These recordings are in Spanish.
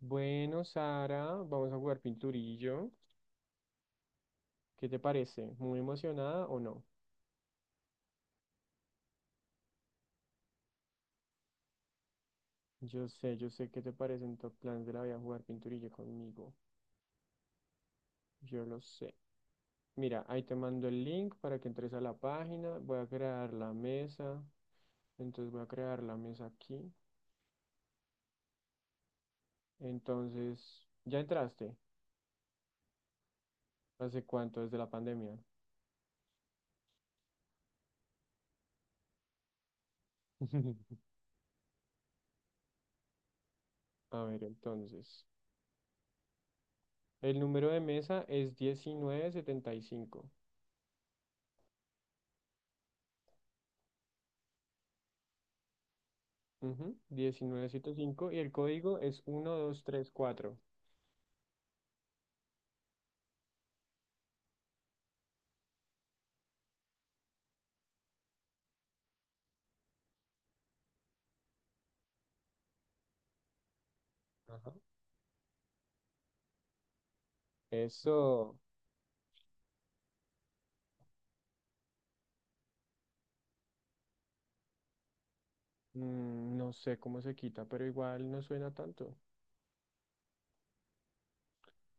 Bueno, Sara, vamos a jugar pinturillo. ¿Qué te parece? ¿Muy emocionada o no? Yo sé qué te parecen top plans de la vida jugar pinturillo conmigo. Yo lo sé. Mira, ahí te mando el link para que entres a la página. Voy a crear la mesa. Entonces voy a crear la mesa aquí. Entonces, ¿ya entraste? ¿Hace cuánto? Desde la pandemia. A ver, entonces. El número de mesa es 1975. Ujú, 1905 y el código es 1234. Ajá. Eso, no sé cómo se quita, pero igual no suena tanto.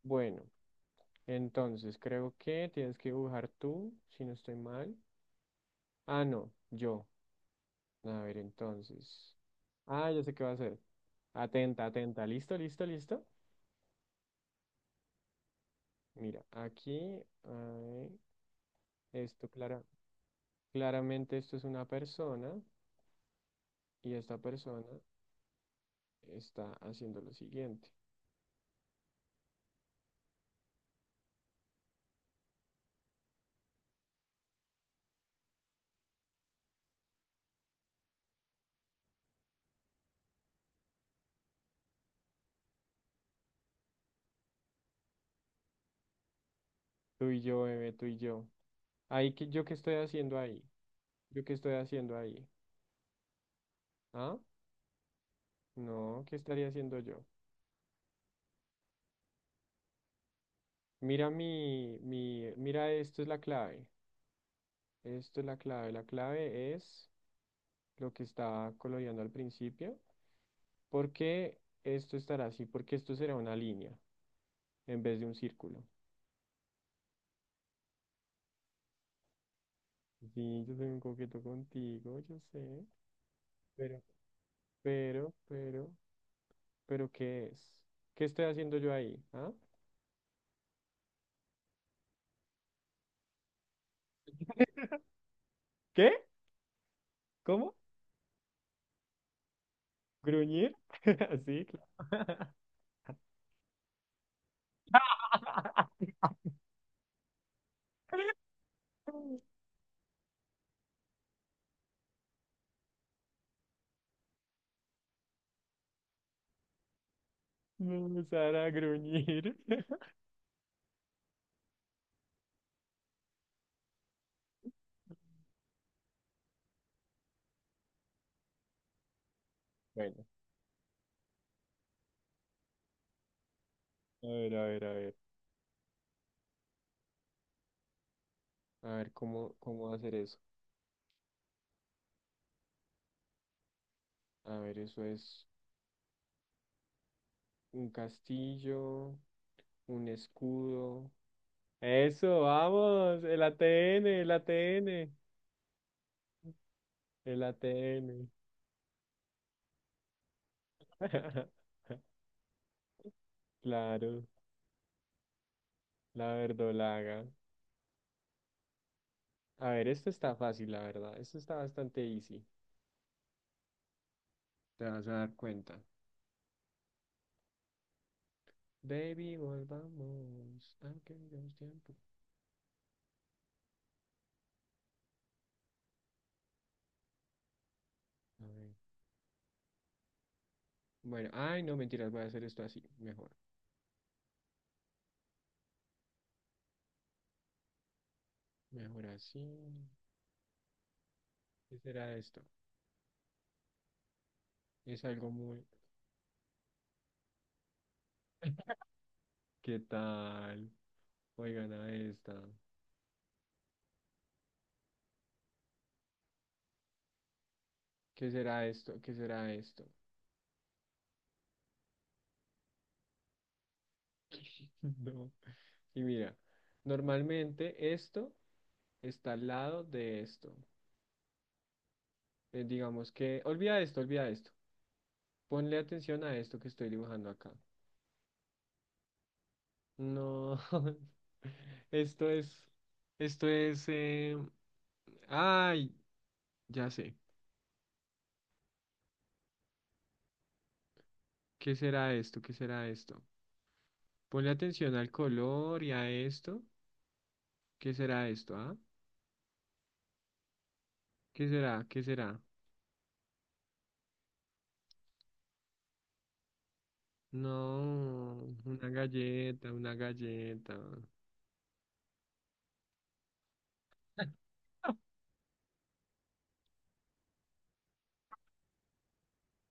Bueno, entonces creo que tienes que dibujar tú, si no estoy mal. Ah, no, yo. A ver, entonces. Ah, ya sé qué va a hacer. Atenta, atenta. ¿Listo, listo, listo? Mira, aquí, ay, esto clara, claramente esto es una persona y esta persona está haciendo lo siguiente. Tú y yo, bebé, tú y yo. Ahí, que ¿yo qué estoy haciendo ahí? ¿Yo qué estoy haciendo ahí? ¿Ah? No, ¿qué estaría haciendo yo? Mira mira, esto es la clave. Esto es la clave. La clave es lo que estaba coloreando al principio. ¿Por qué esto estará así? Porque esto será una línea en vez de un círculo. Sí, yo soy un coqueto contigo, yo sé. Pero, pero, pero, pero, ¿qué es? ¿Qué estoy haciendo yo ahí? ¿Ah? ¿Qué? ¿Cómo? ¿Gruñir? Sí, claro. No, Sara, gruñir. Bueno, a ver, a ver, a ver. A ver, ¿cómo hacer eso? A ver, eso es un castillo, un escudo. Eso, vamos, el ATN, el ATN, el ATN. Claro, la verdolaga. A ver, esto está fácil, la verdad. Esto está bastante easy. Te vas a dar cuenta. Baby, volvamos. Aunque llevamos tiempo. A ver. Bueno, ay, no, mentiras, voy a hacer esto así. Mejor. Mejor así. ¿Qué será esto? Es algo muy. ¿Qué tal? Oigan a esta. ¿Qué será esto? ¿Qué será esto? No. Y mira, normalmente esto está al lado de esto. Digamos que. Olvida esto, olvida esto. Ponle atención a esto que estoy dibujando acá. No, esto es, esto es, ay, ya sé, ¿qué será esto? ¿Qué será esto? Ponle atención al color y a esto. ¿Qué será esto, ah? ¿Qué será? ¿Qué será? No, una galleta, una galleta.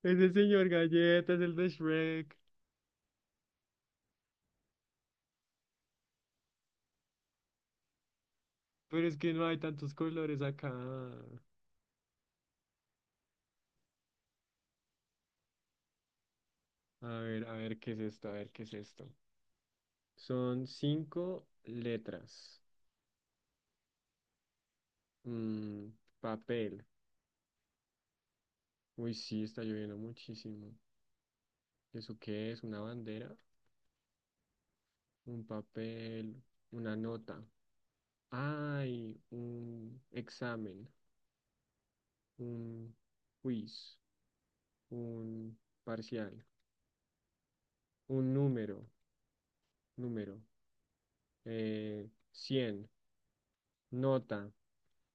Ese señor galleta es el de Shrek, pero es que no hay tantos colores acá. A ver, ¿qué es esto? A ver, ¿qué es esto? Son cinco letras. Mm, papel. Uy, sí, está lloviendo muchísimo. ¿Eso qué es? ¿Una bandera? ¿Un papel? ¿Una nota? Ay, un examen, un quiz, un parcial, un número, número, 100, nota,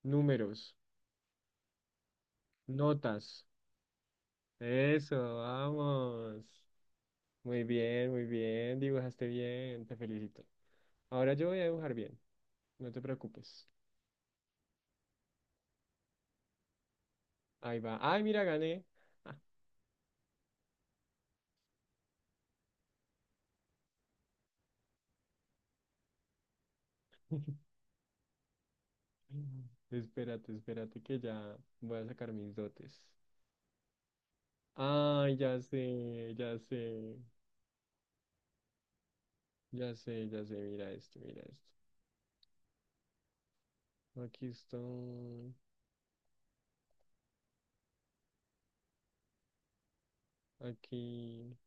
números, notas. Eso, vamos. Muy bien, dibujaste bien, te felicito. Ahora yo voy a dibujar bien, no te preocupes. Ahí va. Ay, mira, gané. Espérate, espérate que ya voy a sacar mis dotes. Ay, ya sé, ya sé, ya sé, ya sé. Mira esto, mira esto. Aquí estoy, aquí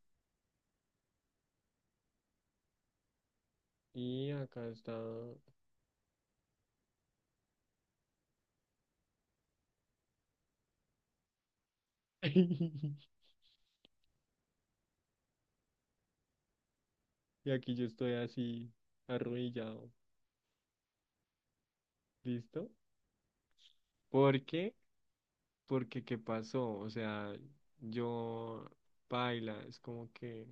y acá está. Y aquí yo estoy así, arrodillado. ¿Listo? ¿Por qué? Porque ¿qué pasó? O sea, yo baila, es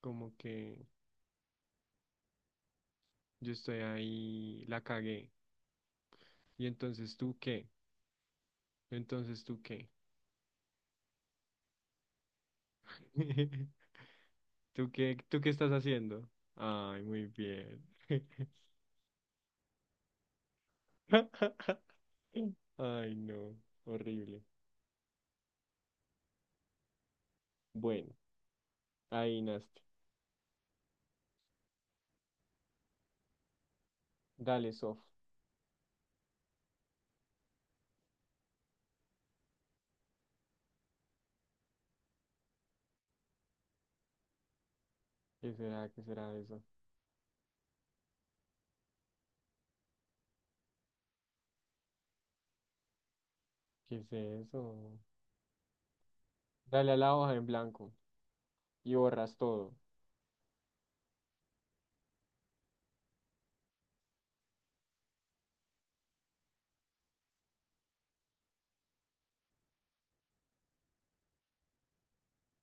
como que yo estoy ahí, la cagué. ¿Y entonces tú qué? Entonces tú qué? ¿Tú qué? ¿Tú qué estás haciendo? Ay, muy bien. Ay, no, horrible. Bueno, ahí naste. Dale, Sof. ¿Qué será? ¿Qué será eso? ¿Qué es eso? Dale a la hoja en blanco y borras todo.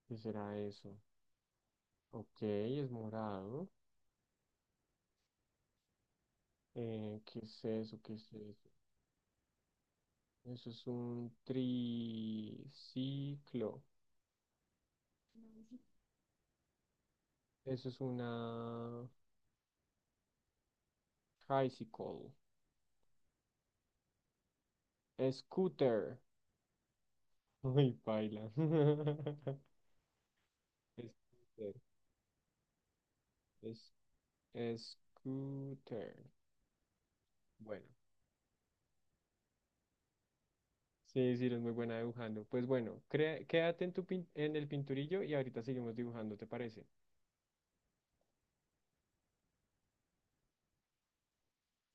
¿Qué será eso? Ok, es morado. ¿Qué es eso? ¿Qué es eso? Eso es un triciclo. Eso es una tricycle. Scooter. Uy, baila. Scooter. Es, scooter. Bueno. Sí, sí, eres muy buena dibujando. Pues bueno, crea- quédate en tu pin- en el pinturillo y ahorita seguimos dibujando, ¿te parece?